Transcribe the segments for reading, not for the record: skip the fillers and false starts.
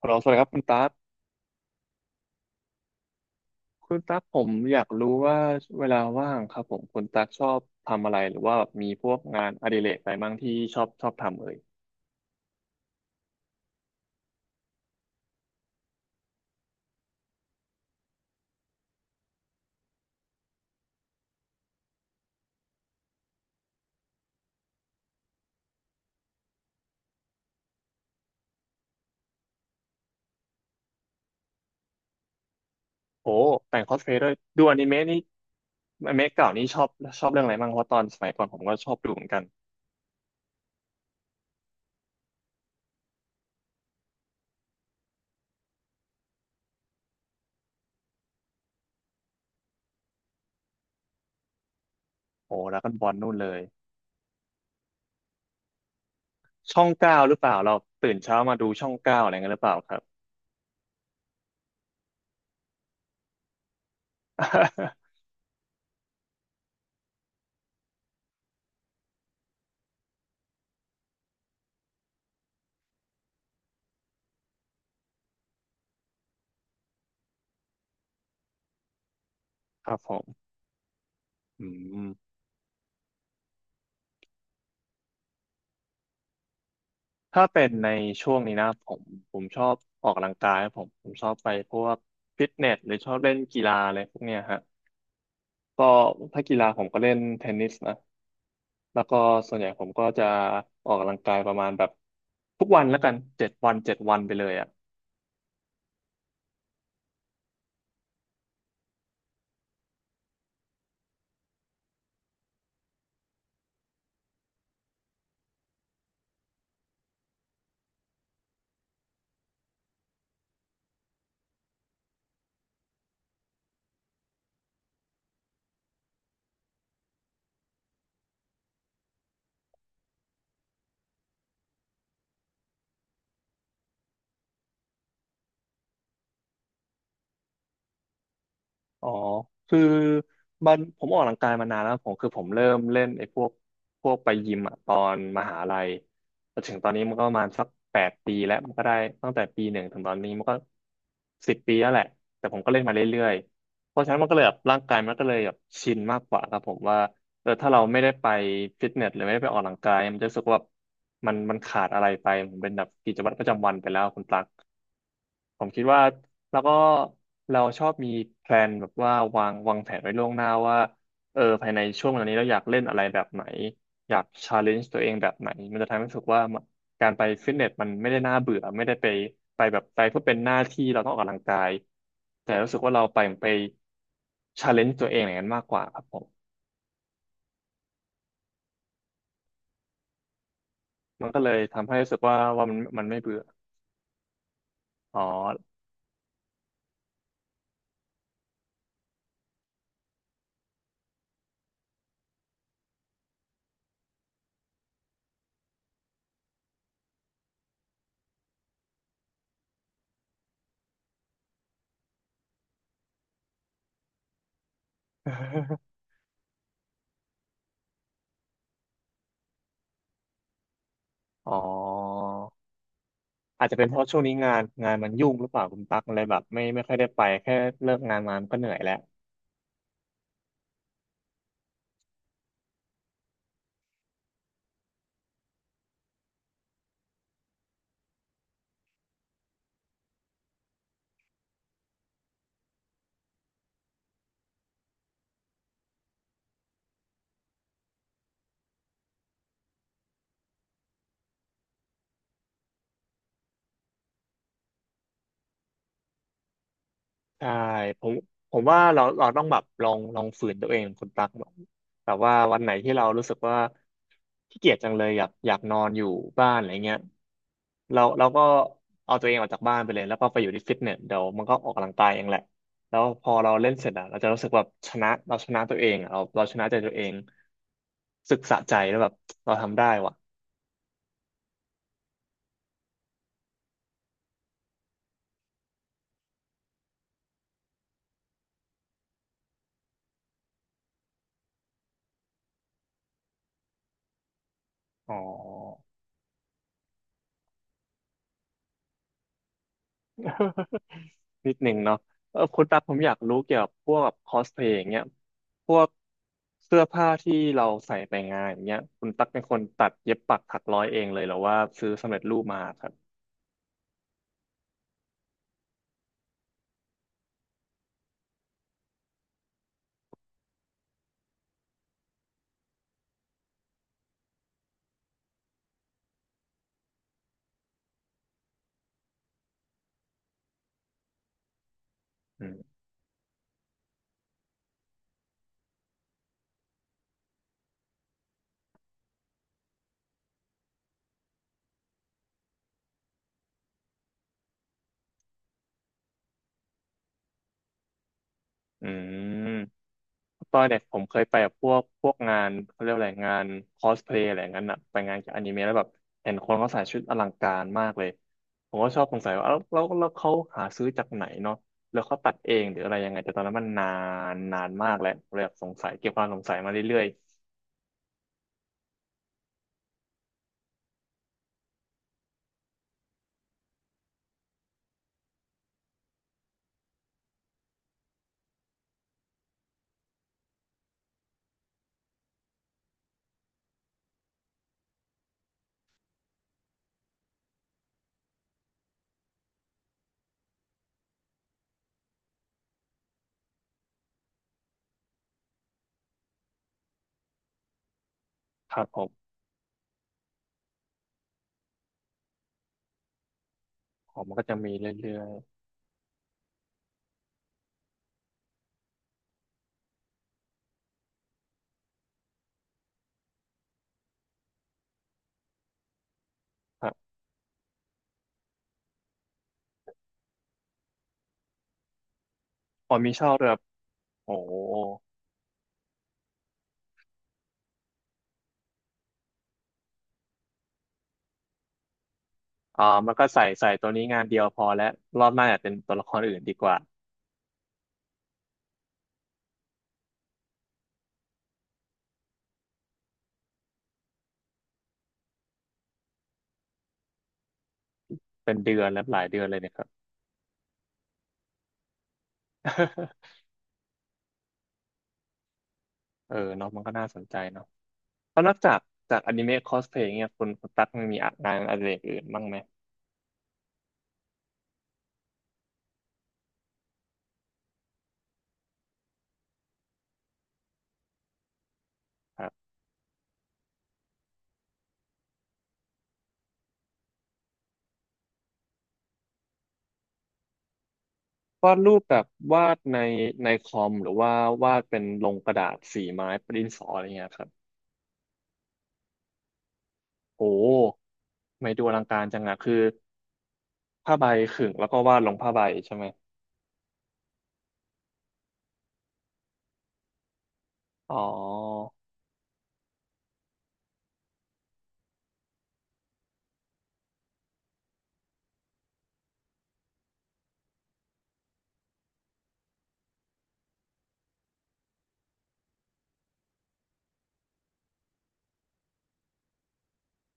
ฮัลโหลสวัสดีครับคุณตั๊กผมอยากรู้ว่าเวลาว่างครับผมคุณตั๊กชอบทำอะไรหรือว่าแบบมีพวกงานอดิเรกอะไรบ้างที่ชอบทำเอ่ยโอ้แต่งคอสเพลย์ด้วยดูอนิเมะนี่อนิเมะเก่านี่ชอบเรื่องอะไรบ้างเพราะตอนสมัยก่อนผมก็ชอบดูเหมือนกันโอ้แล้วก็บอลนู่นเลยช่องเก้าหรือเปล่าเราตื่นเช้ามาดูช่องเก้าอะไรเงี้ยหรือเปล่าครับ ครับผมอืม ถ้าเป็นในช่วงนี้นะผมชอบออกกำลังกายครับผมชอบไปพวกฟิตเนสหรือชอบเล่นกีฬาอะไรพวกเนี้ยฮะก็ถ้ากีฬาผมก็เล่นเทนนิสนะแล้วก็ส่วนใหญ่ผมก็จะออกกำลังกายประมาณแบบทุกวันแล้วกันเจ็ดวันเจ็ดวันไปเลยอ่ะ อ๋อคือมันผมออกกำลังกายมานานแล้วผมคือผมเริ่มเล่นไอ้พวกพวกไปยิมอะตอนมหาลัยแต่ถึงตอนนี้มันก็ประมาณสัก8 ปีแล้วมันก็ได้ตั้งแต่ปีหนึ่งถึงตอนนี้มันก็10 ปีแล้วแหละแต่ผมก็เล่นมาเรื่อยๆเพราะฉะนั้นมันก็เลยแบบร่างกายมันก็เลยแบบชินมากกว่าครับผมว่าเออถ้าเราไม่ได้ไปฟิตเนสหรือไม่ได้ไปออกกำลังกายมันจะรู้สึกว่าแบบมันขาดอะไรไปมันเป็นแบบกิจวัตรประจำวันไปแล้วคุณตั๊ก ผมคิดว่าแล้วก็เราชอบมีแพลนแบบว่าวางแผนไว้ล่วงหน้าว่าเออภายในช่วงเวลานี้เราอยากเล่นอะไรแบบไหนอยากชาเลนจ์ตัวเองแบบไหนมันจะทำให้รู้สึกว่าการไปฟิตเนสมันไม่ได้น่าเบื่อไม่ได้ไปไปแบบไปเพื่อเป็นหน้าที่เราต้องออกกำลังกายแต่รู้สึกว่าเราไปชาเลนจ์ตัวเองอย่างนั้นมากกว่าครับผมมันก็เลยทำให้รู้สึกว่าว่ามันไม่เบื่ออ๋อ อ๋อ อาจจะเป็นเพราะช่วงนี้งานมันยุ่งหรือเปล่าคุณตั๊กอะไรแบบไม่ค่อยได้ไปแค่เลิกงานมามันก็เหนื่อยแล้วใช่ผมผมว่าเราต้องแบบลองฝืนตัวเองคุณตั๊กแบบแบบว่าวันไหนที่เรารู้สึกว่าขี้เกียจจังเลยอยากนอนอยู่บ้านอะไรเงี้ยเราก็เอาตัวเองออกจากบ้านไปเลยแล้วก็ไปอยู่ที่ฟิตเนสเดี๋ยวมันก็ออกกำลังกายเองแหละแล้วพอเราเล่นเสร็จอะเราจะรู้สึกแบบชนะเราชนะตัวเองอะเราชนะใจตัวเองรู้สึกสะใจแล้วแบบเราทำได้ว่ะอ๋อ นิดหนึ่งเนาะเออคุณตั๊กผมอยากรู้เกี่ยวกับพวกคอสเพลย์อย่างเงี้ยพวกเสื้อผ้าที่เราใส่ไปงานอย่างเงี้ยคุณตั๊กเป็นคนตัดเย็บปักถักร้อยเองเลยเหรอว่าซื้อสำเร็จรูปมาครับอืมอืม ตอนเด็กผมเคยไปแบบพวกพวกงานเขาเรียกอะไรงานคอสเพลย์อะไรอย่างนั้นอะไปงานเกี่ยวกับอนิเมะแล้วแบบเห็นคนเขาใส่ชุดอลังการมากเลยผมก็ชอบสงสัยว่าแล้วเขาหาซื้อจากไหนเนาะแล้วเขาตัดเองหรืออะไรยังไงแต่ตอนนั้นมันนานนานมากแล้วผมเลยแบบสงสัยเก็บความสงสัยมาเรื่อยๆครับผมมันก็จะมีเรื่อยๆครับพอมีชอบด้วยแบบโอ้โหมันก็ใส่ตัวนี้งานเดียวพอแล้วรอบหน้าอยากเป็นตัวละครอื่นดีกว่าเป็นเดือนและหลายเดือนเลยเนะครับ เออเนาะมันก็น่าสนใจเนาะ แล้วนอกจากจากอนิเมะคอสเพลย์เนี่ยคุณตั๊กมันมีอ่านงานอดิเรกอื่นบ้างไหมครับวาดรูปแบบวาดในในคอมหรือว่าวาดเป็นลงกระดาษสีไม้ประดินสออะไรเงี้ยครับโอ้ไม่ดูอลังการจังอะคือผ้าใบขึงแล้วก็วาดลงผ้าใบใช่ไหมอ๋อ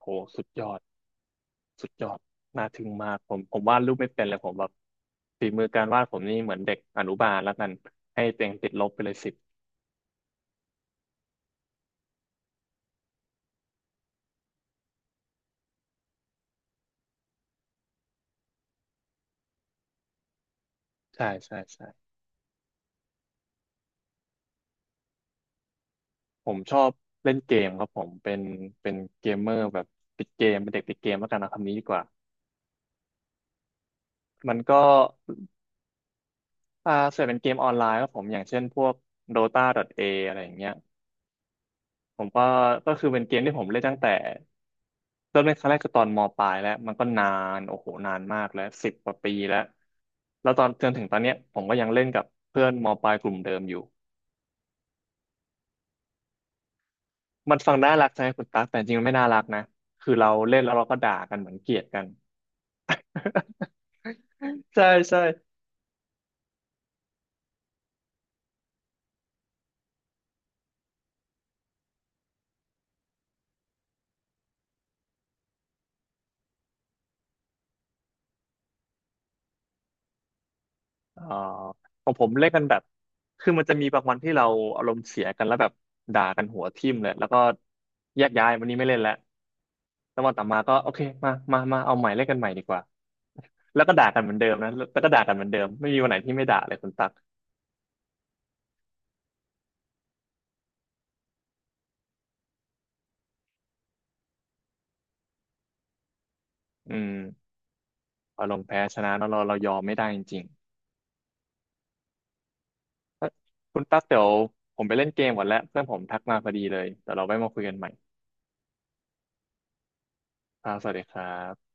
โหสุดยอดสุดยอดน่าทึ่งมากผมวาดรูปไม่เป็นเลยผมแบบฝีมือการวาดผมนี่เหมือนเด็กอนุบาลแล้วกันให้เต็งติดลบไปเลยสิบใช่ใช่ใช่ ผมชอบเล่นเกมครับผมเป็นเกมเมอร์แบบติดเกมเป็นเด็กติดเกมแล้วกันนะคำนี้ดีกว่ามันก็อ่าส่วนใหญ่เป็นเกมออนไลน์ครับผมอย่างเช่นพวก Dota.A ออะไรอย่างเงี้ยผมก็คือเป็นเกมที่ผมเล่นตั้งแต่เริ่มเล่นครั้งแรกคือตอนมปลายแล้วมันก็นานโอ้โหนานมากแล้ว10 กว่าปีแล้วแล้วตอนจนถึงตอนเนี้ยผมก็ยังเล่นกับเพื่อนมปลายกลุ่มเดิมอยู่มันฟังน่ารักใช่ไหมคุณตั๊กแต่จริงๆมันไม่น่ารักนะคือเราเล่นแล้วเราก็ด่ากันเหมือนเกลียดกัน ใช่ใช่เอ่อของผมเล่นกันแบบคือมันจะมีบางวันที่เราอารมณ์เสียกันแล้วแบบด่ากันหัวทิ่มเลยแล้วก็แยกย้ายวันนี้ไม่เล่นแล้วแล้ววันต่อมาก็โอเคมามามาเอาใหม่เล่นกันใหม่ดีกว่าแล้วก็ด่ากันเหมือนเดิมนะแล้วก็ด่ากันเหมือนเดิมไม่มีวันไหนที่ไม่ด่าเลยคุณตั๊กอืมอารมณ์แพ้ชนะเนอะเรายอมไม่ได้จริงๆเอ้ยคุณตั๊กเดี๋ยวผมไปเล่นเกมก่อนแล้วเพื่อนผมทักมาพอดีเลยเดี๋ยวเราไว้มาคุยกันใหม่ครับสวัสดีครับ